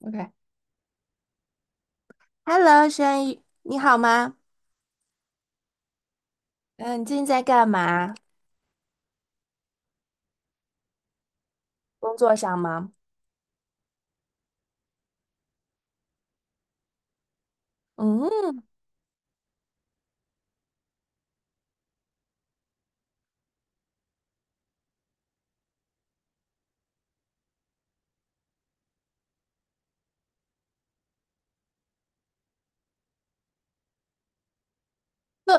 OK。Hello，轩宇，你好吗？嗯，你最近在干嘛？工作上吗？嗯，就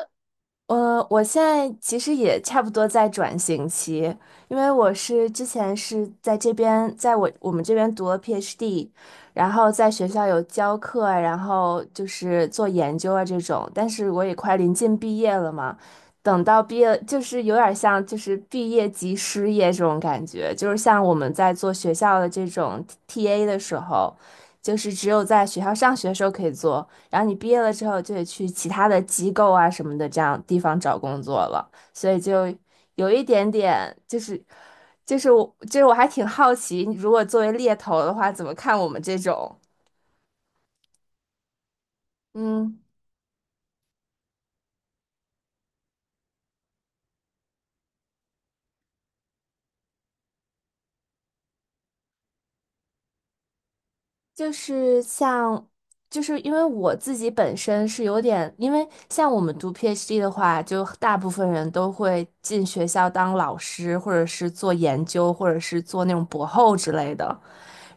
我现在其实也差不多在转型期，因为之前是在这边，在我们这边读了 PhD，然后在学校有教课啊然后就是做研究啊这种，但是我也快临近毕业了嘛，等到毕业就是有点像就是毕业即失业这种感觉，就是像我们在做学校的这种 TA 的时候，就是只有在学校上学的时候可以做。然后你毕业了之后就得去其他的机构啊什么的这样地方找工作了，所以就有一点点就是就是我就是我还挺好奇，如果作为猎头的话，怎么看我们这种？嗯，就是像，就是因为我自己本身是有点，因为像我们读 PhD 的话，就大部分人都会进学校当老师，或者是做研究，或者是做那种博后之类的。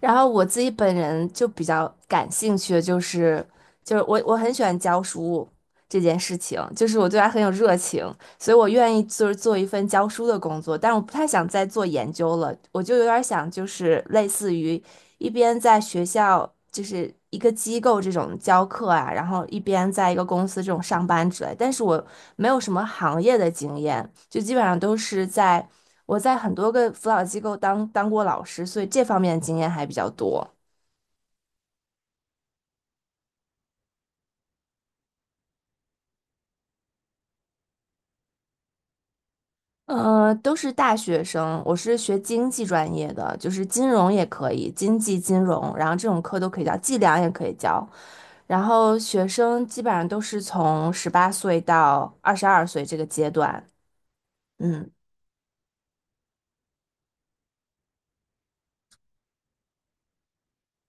然后我自己本人就比较感兴趣的就是，就是我很喜欢教书这件事情，就是我对它很有热情，所以我愿意就是做一份教书的工作，但我不太想再做研究了，我就有点想就是类似于一边在学校就是一个机构这种教课啊，然后一边在一个公司这种上班之类，但是我没有什么行业的经验，就基本上都是在。我在很多个辅导机构当过老师，所以这方面的经验还比较多。嗯，都是大学生，我是学经济专业的，就是金融也可以，经济金融，然后这种课都可以教，计量也可以教。然后学生基本上都是从18岁到22岁这个阶段，嗯。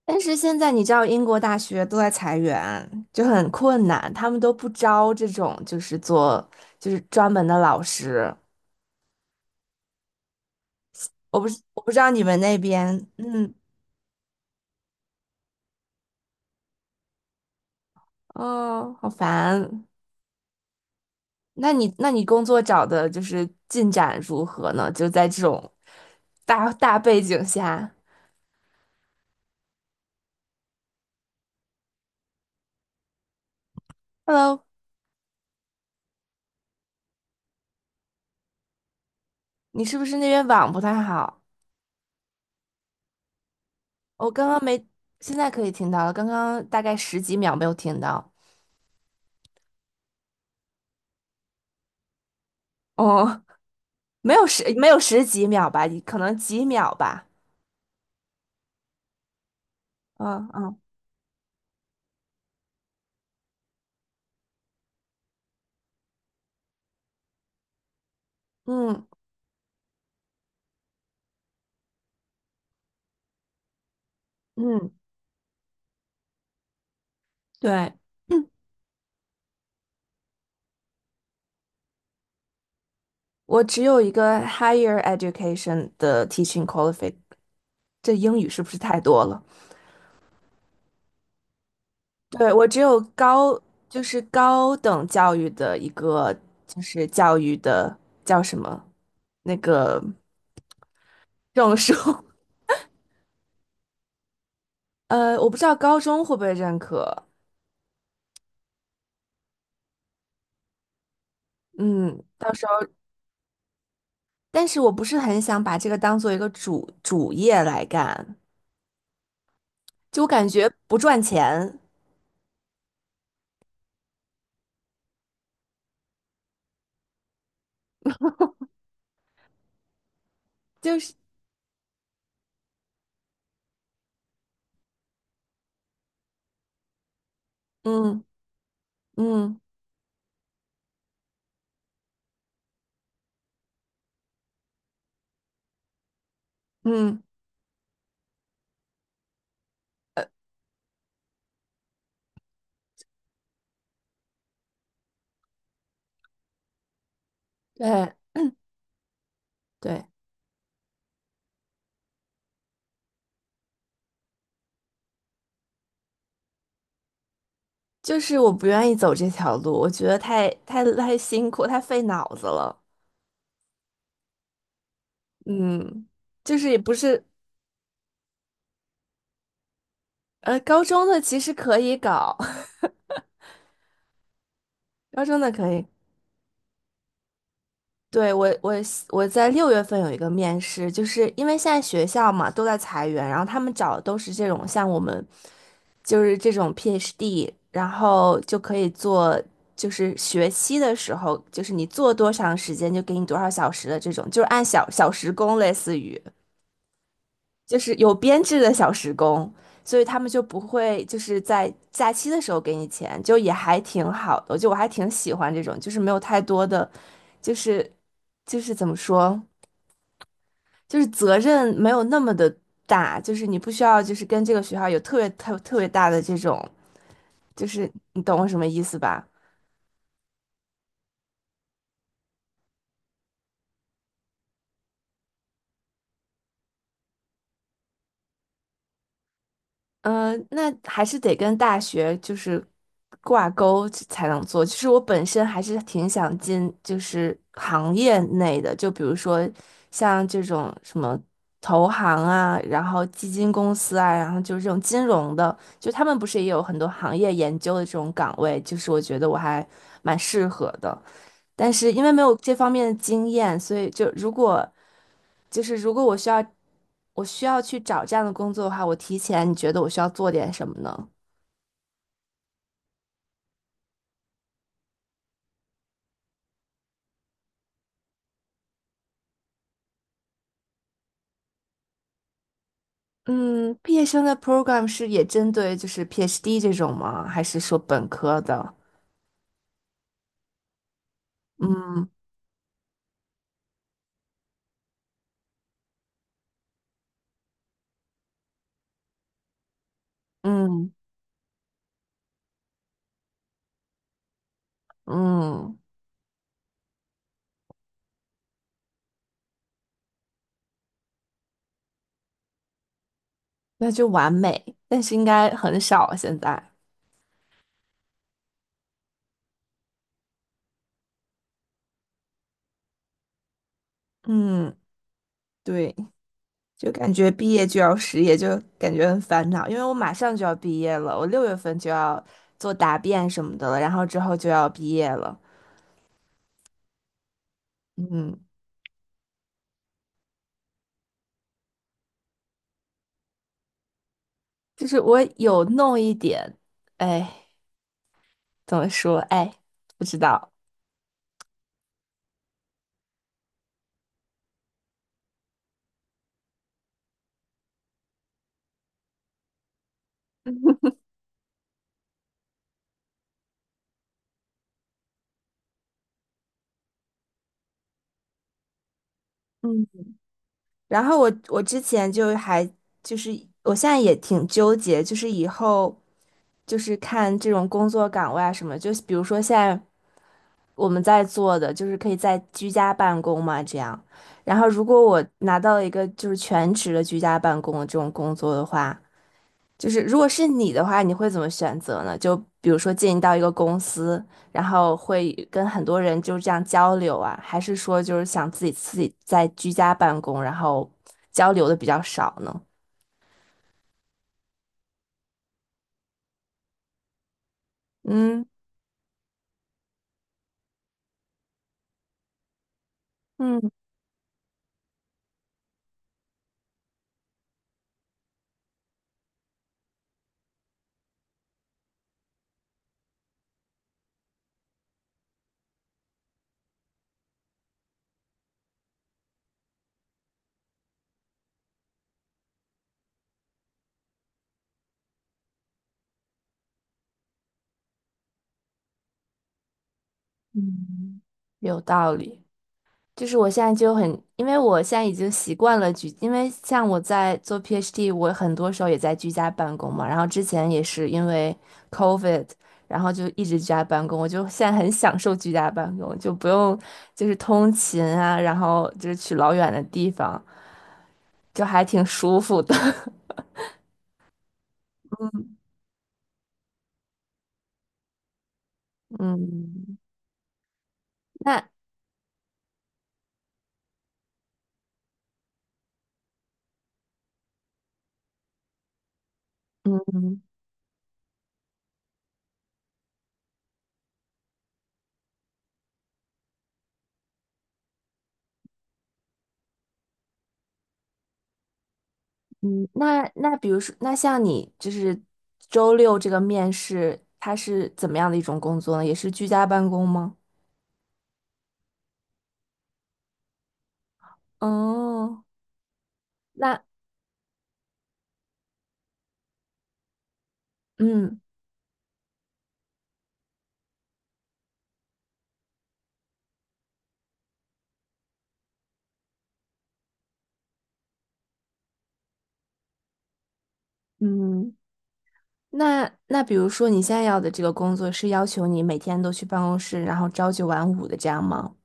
但是现在你知道，英国大学都在裁员，就很困难，他们都不招这种就是做就是专门的老师，我不知道你们那边，嗯，哦，好烦。那你那你工作找的就是进展如何呢？就在这种大背景下，Hello，你是不是那边网不太好？我刚刚没，现在可以听到了，刚刚大概十几秒没有听到。哦，没有十几秒吧，可能几秒吧。嗯嗯嗯嗯，对，我只有一个 higher education 的 teaching qualification。这英语是不是太多了？对，我只有高，就是高等教育的一个，就是教育的叫什么那个证书。我不知道高中会不会认可。嗯，到时候，但是我不是很想把这个当做一个主业来干，就我感觉不赚钱，就是嗯嗯嗯，对对，就是我不愿意走这条路，我觉得太太太辛苦，太费脑子了。嗯，就是也不是，高中的其实可以搞，高中的可以。对，我在六月份有一个面试，就是因为现在学校嘛都在裁员，然后他们找的都是这种像我们，就是这种 PhD，然后就可以做，就是学期的时候，就是你做多长时间就给你多少小时的这种，就是按小时工类似于。就是有编制的小时工，所以他们就不会就是在假期的时候给你钱，就也还挺好的。我觉我还挺喜欢这种，就是没有太多的，就是就是怎么说，就是责任没有那么的大，就是你不需要就是跟这个学校有特别大的这种，就是你懂我什么意思吧？嗯，那还是得跟大学就是挂钩才能做。其实我本身还是挺想进就是行业内的，就比如说像这种什么投行啊，然后基金公司啊，然后就是这种金融的，就他们不是也有很多行业研究的这种岗位，就是我觉得我还蛮适合的。但是因为没有这方面的经验，所以就如果就是如果我需要，我需要去找这样的工作的话，我提前你觉得我需要做点什么呢？嗯，毕业生的 program 是也针对就是 PhD 这种吗？还是说本科的？嗯嗯嗯，那就完美，但是应该很少现在。嗯，对，就感觉毕业就要失业，就感觉很烦恼，因为我马上就要毕业了，我六月份就要做答辩什么的了，然后之后就要毕业了。嗯，就是我有弄一点，哎，怎么说？哎，不知道。嗯，然后我之前就还就是我现在也挺纠结，就是以后就是看这种工作岗位啊什么，就比如说现在我们在做的就是可以在居家办公嘛这样，然后如果我拿到了一个就是全职的居家办公的这种工作的话，就是如果是你的话，你会怎么选择呢？就比如说进到一个公司，然后会跟很多人就这样交流啊，还是说就是想自己在居家办公，然后交流的比较少呢？嗯嗯，有道理。就是我现在就很，因为我现在已经习惯了居，因为像我在做 PhD，我很多时候也在居家办公嘛。然后之前也是因为 COVID，然后就一直居家办公，我就现在很享受居家办公，就不用就是通勤啊，然后就是去老远的地方，就还挺舒服的。嗯，那嗯嗯，那比如说，那像你就是周六这个面试，它是怎么样的一种工作呢？也是居家办公吗？哦，那嗯嗯，那比如说你现在要的这个工作是要求你每天都去办公室，然后朝九晚五的这样吗？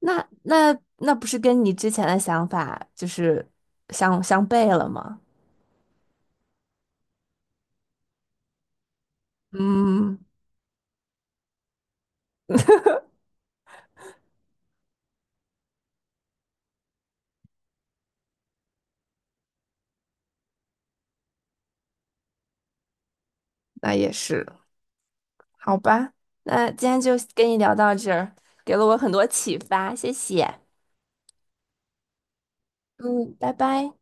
那不是跟你之前的想法就是相悖了吗？嗯，那也是，好吧。那今天就跟你聊到这儿，给了我很多启发，谢谢。嗯，拜拜。